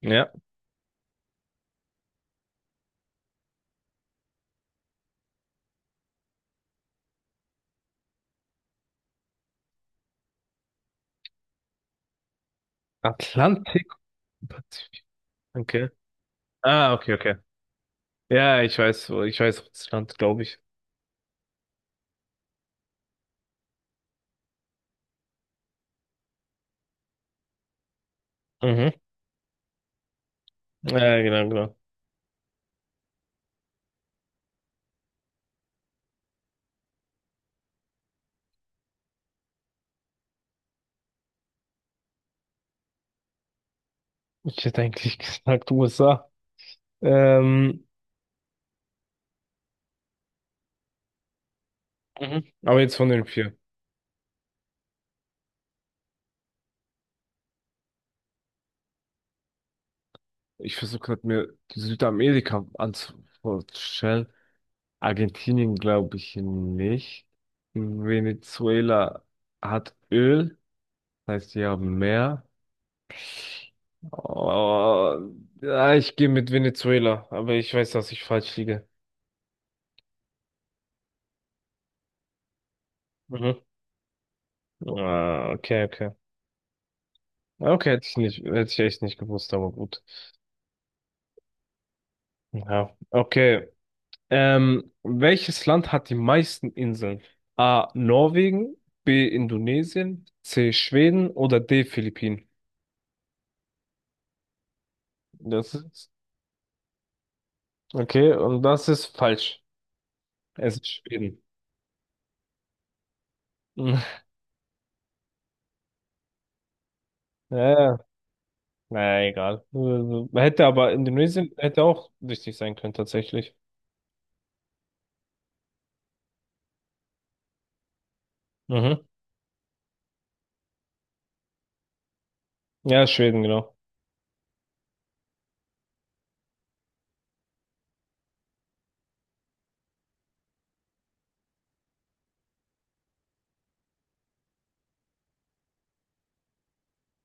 Ja. Atlantik und Pazifik. Okay. Ah, okay, okay. Ja, ich weiß, ich weiß auch das Land, glaube ich. Mhm. Ja, genau, genau. Ich hätte eigentlich gesagt USA. Ähm, mhm. Aber jetzt von den vier. Ich versuche gerade mir die Südamerika anzustellen. Argentinien glaube ich nicht. Venezuela hat Öl, das heißt, die haben mehr. Oh, ja, ich gehe mit Venezuela, aber ich weiß, dass ich falsch liege. Mhm. Ah, okay, okay. Okay, hätte ich nicht, hätte ich echt nicht gewusst, aber gut. Ja, okay. Welches Land hat die meisten Inseln? A. Norwegen, B. Indonesien, C. Schweden oder D. Philippinen? Das ist, okay, und das ist falsch. Es ist Schweden. Ja, ja, naja, egal. Also, hätte aber Indonesien hätte auch wichtig sein können, tatsächlich. Mhm. Ja, Schweden, genau.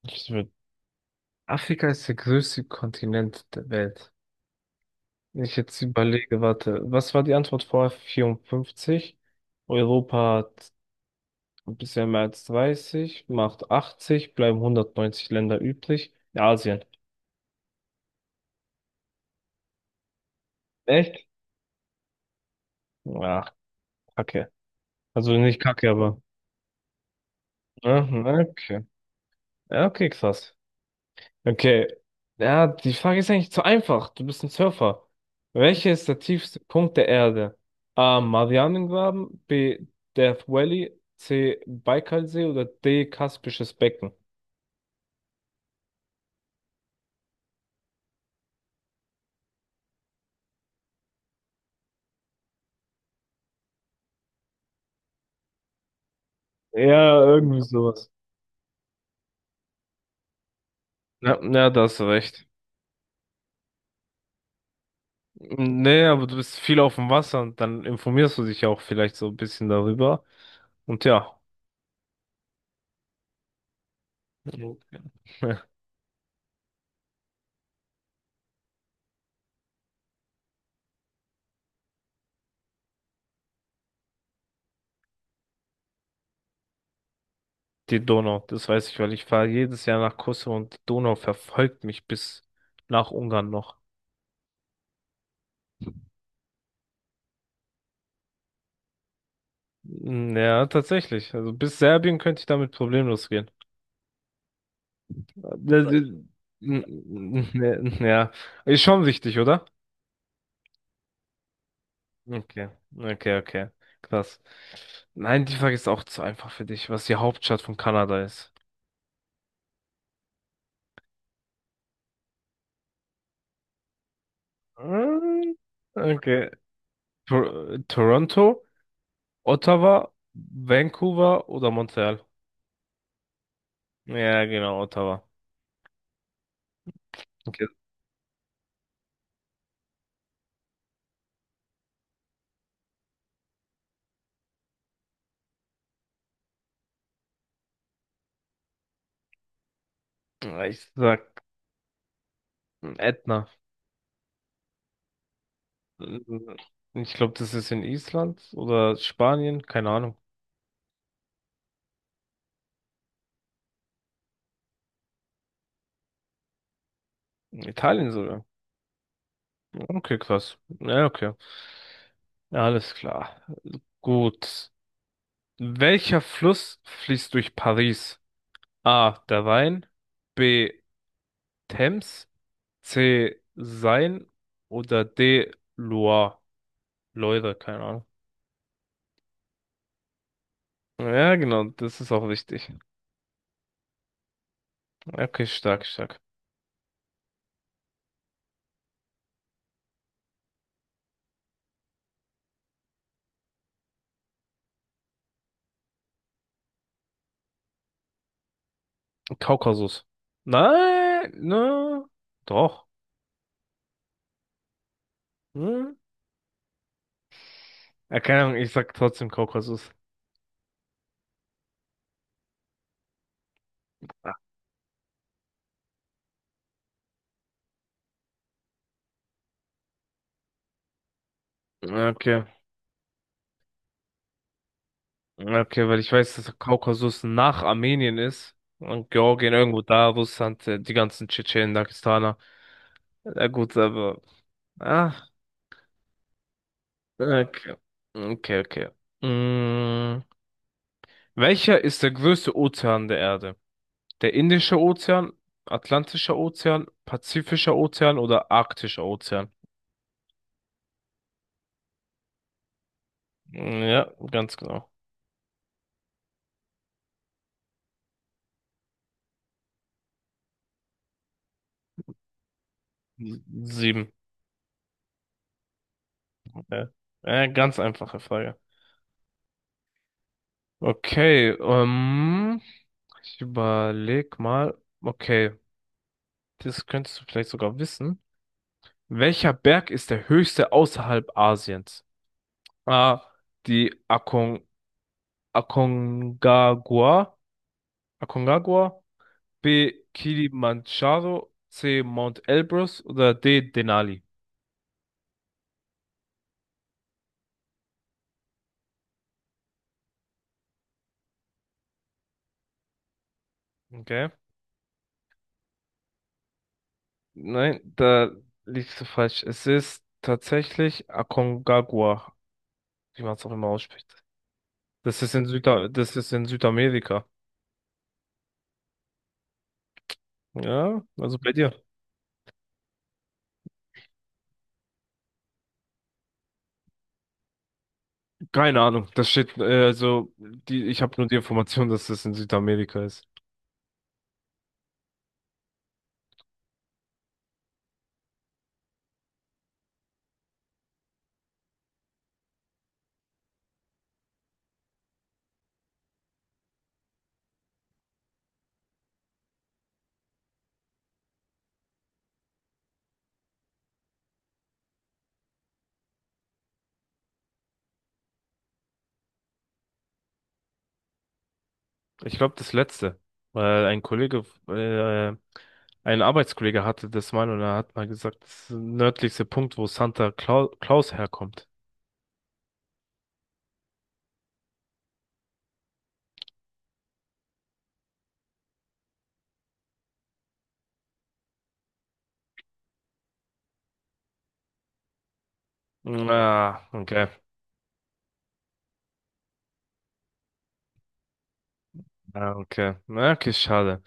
Ich würd- Afrika ist der größte Kontinent der Welt. Ich jetzt überlege, warte, was war die Antwort vorher? 54? Europa hat ein bisschen mehr als 30, macht 80, bleiben 190 Länder übrig. Ja, Asien. Echt? Ja, kacke. Also nicht kacke, aber. Ja, okay. Ja, okay, krass. Okay. Ja, die Frage ist eigentlich zu einfach. Du bist ein Surfer. Welcher ist der tiefste Punkt der Erde? A. Marianengraben, B. Death Valley, C. Baikalsee oder D. Kaspisches Becken? Ja, irgendwie sowas. Ja, ja, da hast du recht. Nee, aber du bist viel auf dem Wasser und dann informierst du dich ja auch vielleicht so ein bisschen darüber. Und ja, mhm. Die Donau, das weiß ich, weil ich fahre jedes Jahr nach Kosovo und die Donau verfolgt mich bis nach Ungarn noch. Mm, ja, tatsächlich. Also bis Serbien könnte ich damit problemlos gehen. Das ist- n- n- n- Ja, ist schon wichtig, oder? Okay, okay, okay. Krass. Nein, die Frage ist auch zu einfach für dich, was die Hauptstadt von Kanada ist. Hm, okay. Toronto, Ottawa, Vancouver oder Montreal? Ja, genau, Ottawa. Okay. Ja, ich sag Ätna. Ich glaube, das ist in Island oder Spanien, keine Ahnung. Italien sogar. Okay, krass. Ja, okay. Ja, alles klar. Gut. Welcher Fluss fließt durch Paris? A. Der Rhein, B. Thames, C. Seine oder D. Loire. Loire, keine Ahnung. Ja, genau, das ist auch wichtig. Okay, stark, stark. Kaukasus. Nein, ne, doch. Hm? Ja, keine Ahnung, ich sag trotzdem Kaukasus. Okay, okay, weil ich weiß, dass Kaukasus nach Armenien ist und Georgien irgendwo da, Russland, die ganzen Tschetschenen, Dagestaner. Ja, gut, aber. Ach, okay. Okay, okay. Mm, welcher ist der größte Ozean der Erde? Der Indische Ozean, Atlantischer Ozean, Pazifischer Ozean oder Arktischer Ozean? Mm, ja, ganz genau. S- Sieben. Okay. Ganz einfache Frage. Okay, ich überleg mal. Okay, das könntest du vielleicht sogar wissen. Welcher Berg ist der höchste außerhalb Asiens? A. Die Akon Aconcagua. Aconcagua. B. Kilimanjaro. C. Mount Elbrus. Oder D. Denali. Okay. Nein, da liegst du falsch. Es ist tatsächlich Aconcagua, wie man es auch immer ausspricht. Das ist in Süda das ist in Südamerika. Ja, also bei dir. Keine Ahnung. Das steht, also die, ich habe nur die Information, dass das in Südamerika ist. Ich glaube, das letzte. Weil ein Kollege, ein Arbeitskollege hatte das mal und er hat mal gesagt, das ist der nördlichste Punkt, wo Claus herkommt. Ah, okay. Ah, okay. Na, okay, schade.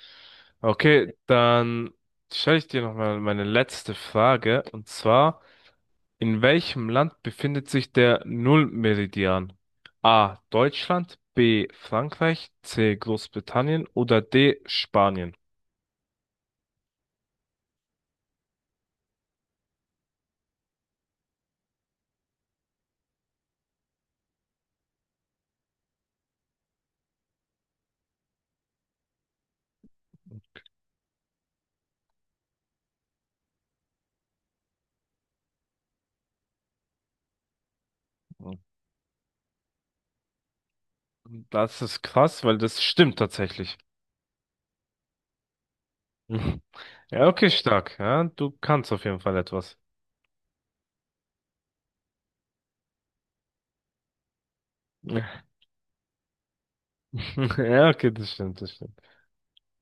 Okay, dann stelle ich dir nochmal meine letzte Frage. Und zwar, in welchem Land befindet sich der Nullmeridian? A. Deutschland, B. Frankreich, C. Großbritannien oder D. Spanien? Das ist krass, weil das stimmt tatsächlich. Ja, okay, stark. Ja, du kannst auf jeden Fall etwas. Ja, okay, das stimmt, das stimmt.